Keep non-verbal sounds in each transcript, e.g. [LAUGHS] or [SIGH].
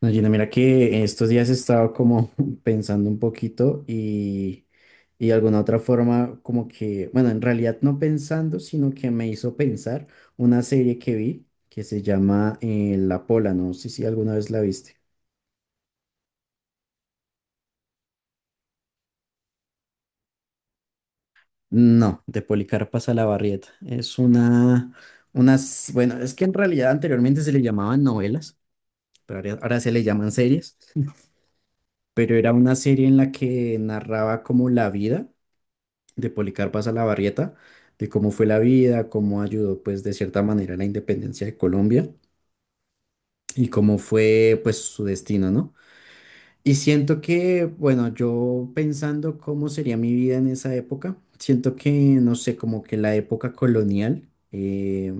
No, Gina, mira que estos días he estado como [LAUGHS] pensando un poquito y de alguna otra forma como que, bueno, en realidad no pensando, sino que me hizo pensar una serie que vi que se llama La Pola, no sé si alguna vez la viste. No, de Policarpa Salabarrieta. Es bueno, es que en realidad anteriormente se le llamaban novelas, pero ahora se le llaman series, pero era una serie en la que narraba como la vida de Policarpa Salabarrieta, de cómo fue la vida, cómo ayudó pues de cierta manera a la independencia de Colombia y cómo fue pues su destino, ¿no? Y siento que, bueno, yo pensando cómo sería mi vida en esa época, siento que, no sé, como que la época colonial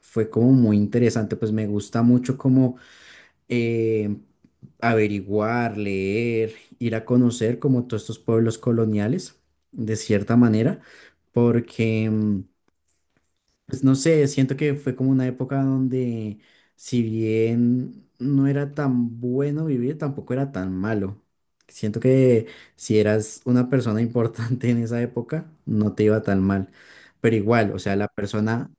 fue como muy interesante, pues me gusta mucho como eh, averiguar, leer, ir a conocer como todos estos pueblos coloniales, de cierta manera, porque, pues no sé, siento que fue como una época donde si bien no era tan bueno vivir, tampoco era tan malo. Siento que si eras una persona [LAUGHS] importante en esa época, no te iba tan mal. Pero igual, o sea, la persona.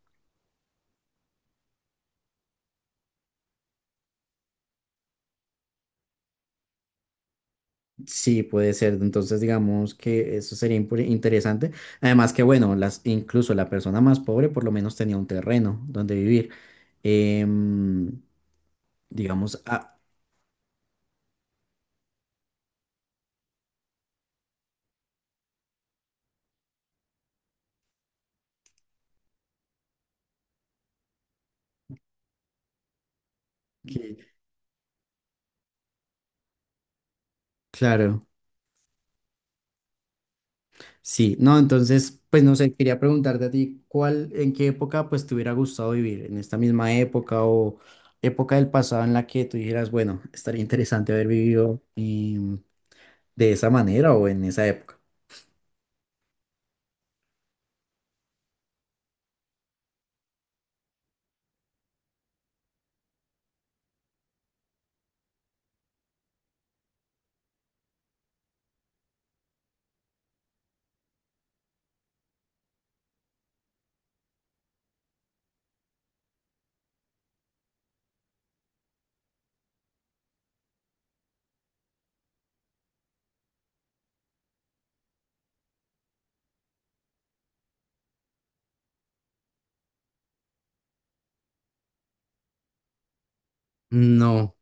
Sí, puede ser. Entonces, digamos que eso sería interesante. Además que, bueno, incluso la persona más pobre por lo menos tenía un terreno donde vivir. Em, digamos, ah, que- claro, sí. No, entonces, pues no sé, quería preguntarte a ti, ¿cuál, en qué época pues te hubiera gustado vivir? ¿En esta misma época o época del pasado en la que tú dijeras, bueno, estaría interesante haber vivido de esa manera o en esa época? No.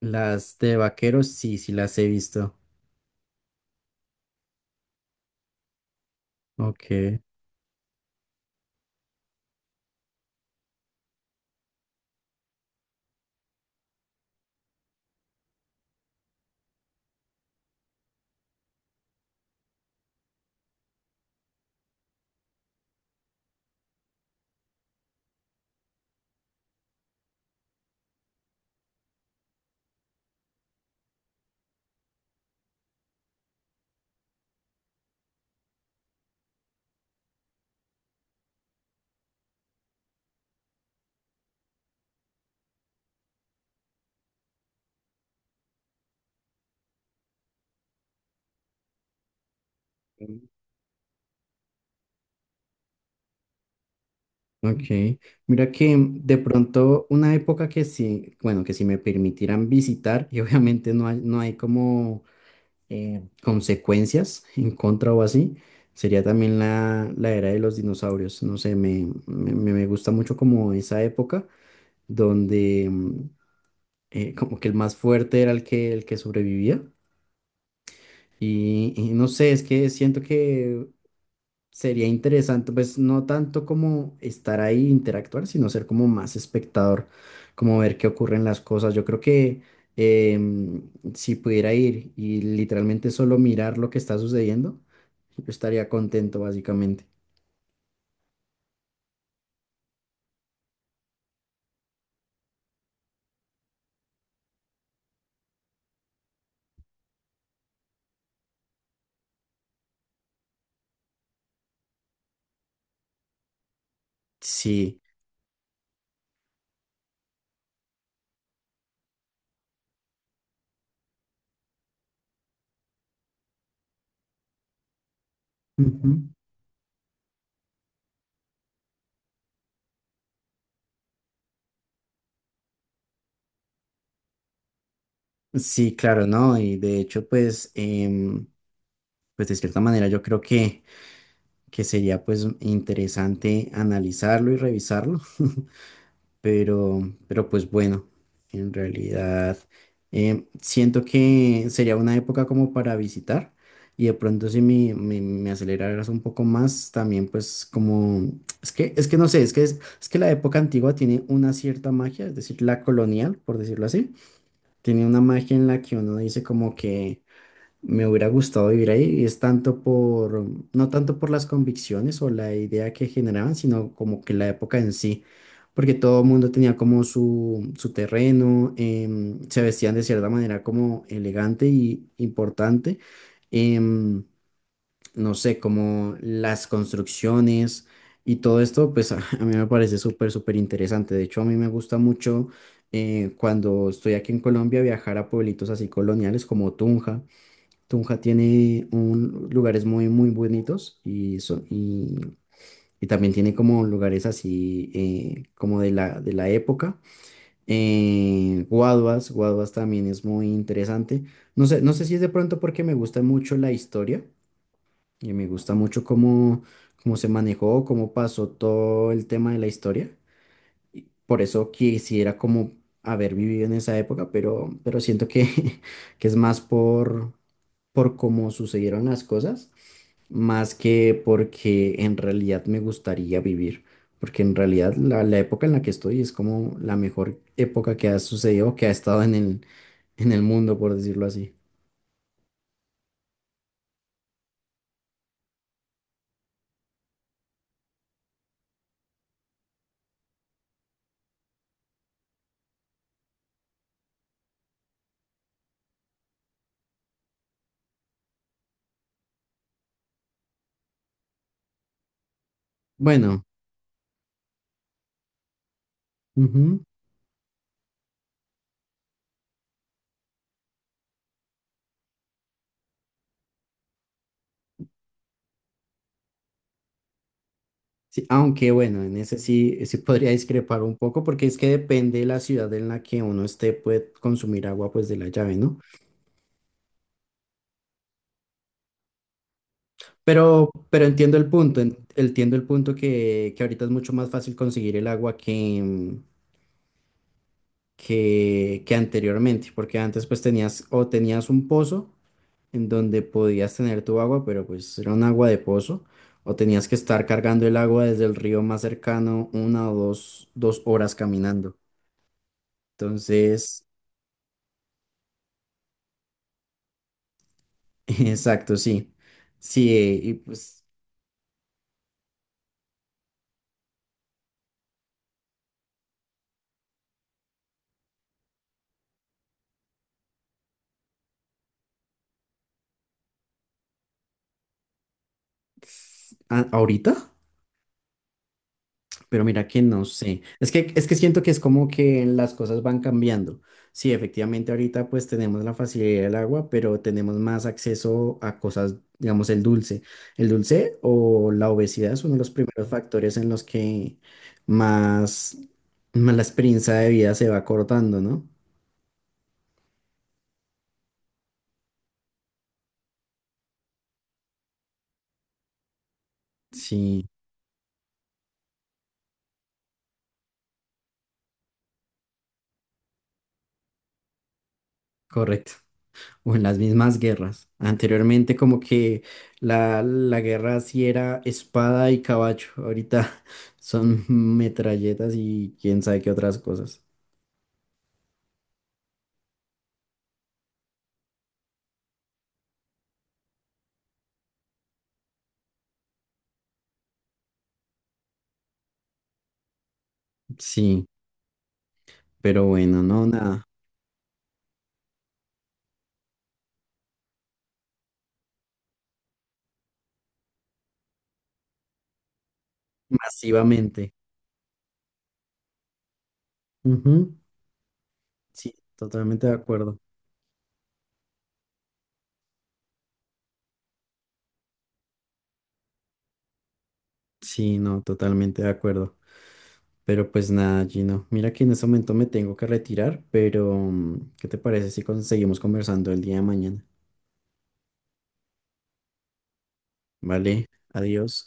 Las de vaqueros, sí, sí las he visto. Ok. Mm. Ok. Mira que de pronto una época que sí, bueno, que si me permitieran visitar, [LAUGHS] y obviamente no hay, no hay como consecuencias en contra o así, sería también la era de los dinosaurios. No sé, me gusta mucho como esa época donde como que el más fuerte era el que sobrevivía. Y no sé, es que siento que sería interesante, pues no tanto como estar ahí e interactuar, sino ser como más espectador, como ver qué ocurren las cosas. Yo creo que si pudiera ir y literalmente solo mirar lo que está sucediendo, yo estaría contento básicamente. Sí. Ujú. Sí, claro, ¿no? Y de hecho, pues, pues de cierta manera yo creo que sería pues interesante analizarlo y revisarlo. Pero, pero pues bueno, en realidad siento que sería una época como para visitar y de pronto si me aceleraras un poco más, también pues como, es que no sé, es que la época antigua tiene una cierta magia, es decir, la colonial, por decirlo así, tiene una magia en la que uno dice como que me hubiera gustado vivir ahí y es tanto por, no tanto por las convicciones o la idea que generaban, sino como que la época en sí, porque todo el mundo tenía como su terreno, se vestían de cierta manera como elegante y importante, em, no sé, como las construcciones y todo esto, pues [LAUGHS] a mí me parece súper, súper interesante. De hecho, a mí me gusta mucho cuando estoy aquí en Colombia viajar a pueblitos así coloniales como Tunja. Tunja tiene un, lugares muy, muy bonitos y, son, y también tiene como lugares así como de la época. Guaduas, Guaduas también es muy interesante. No sé, no sé si es de pronto porque me gusta mucho la historia y me gusta mucho cómo, cómo se manejó, cómo pasó todo el tema de la historia. Y por eso quisiera como haber vivido en esa época, pero siento que, [LAUGHS] que es más por cómo sucedieron las cosas más que porque en realidad me gustaría vivir, porque en realidad la, la época en la que estoy es como la mejor época que ha sucedido, que ha estado en el mundo, por decirlo así. Bueno, ujú. Sí, aunque bueno, en ese sí, sí podría discrepar un poco, porque es que depende de la ciudad en la que uno esté, puede consumir agua pues de la llave, ¿no? Pero entiendo el punto, entiendo el punto que ahorita es mucho más fácil conseguir el agua que anteriormente, porque antes pues tenías o tenías un pozo en donde podías tener tu agua, pero pues era un agua de pozo, o tenías que estar cargando el agua desde el río más cercano una o dos horas caminando. Entonces, [LAUGHS] exacto, sí. Sí, y pues ahorita. Pero mira que no sé. Es que siento que es como que las cosas van cambiando. Sí, efectivamente ahorita pues tenemos la facilidad del agua, pero tenemos más acceso a cosas, digamos, el dulce. El dulce o la obesidad es uno de los primeros factores en los que más, más la experiencia de vida se va cortando, ¿no? Sí, correcto. O en las mismas guerras. Anteriormente como que la guerra sí era espada y caballo, ahorita [LAUGHS] son metralletas y quién sabe qué otras cosas. Sí, pero bueno, no, nada, masivamente. Ujú. Sí, totalmente de acuerdo. Sí, no, totalmente de acuerdo. Pero pues nada, Gino, mira que en este momento me tengo que retirar, pero ¿qué te parece si seguimos conversando el día de mañana? Vale, adiós.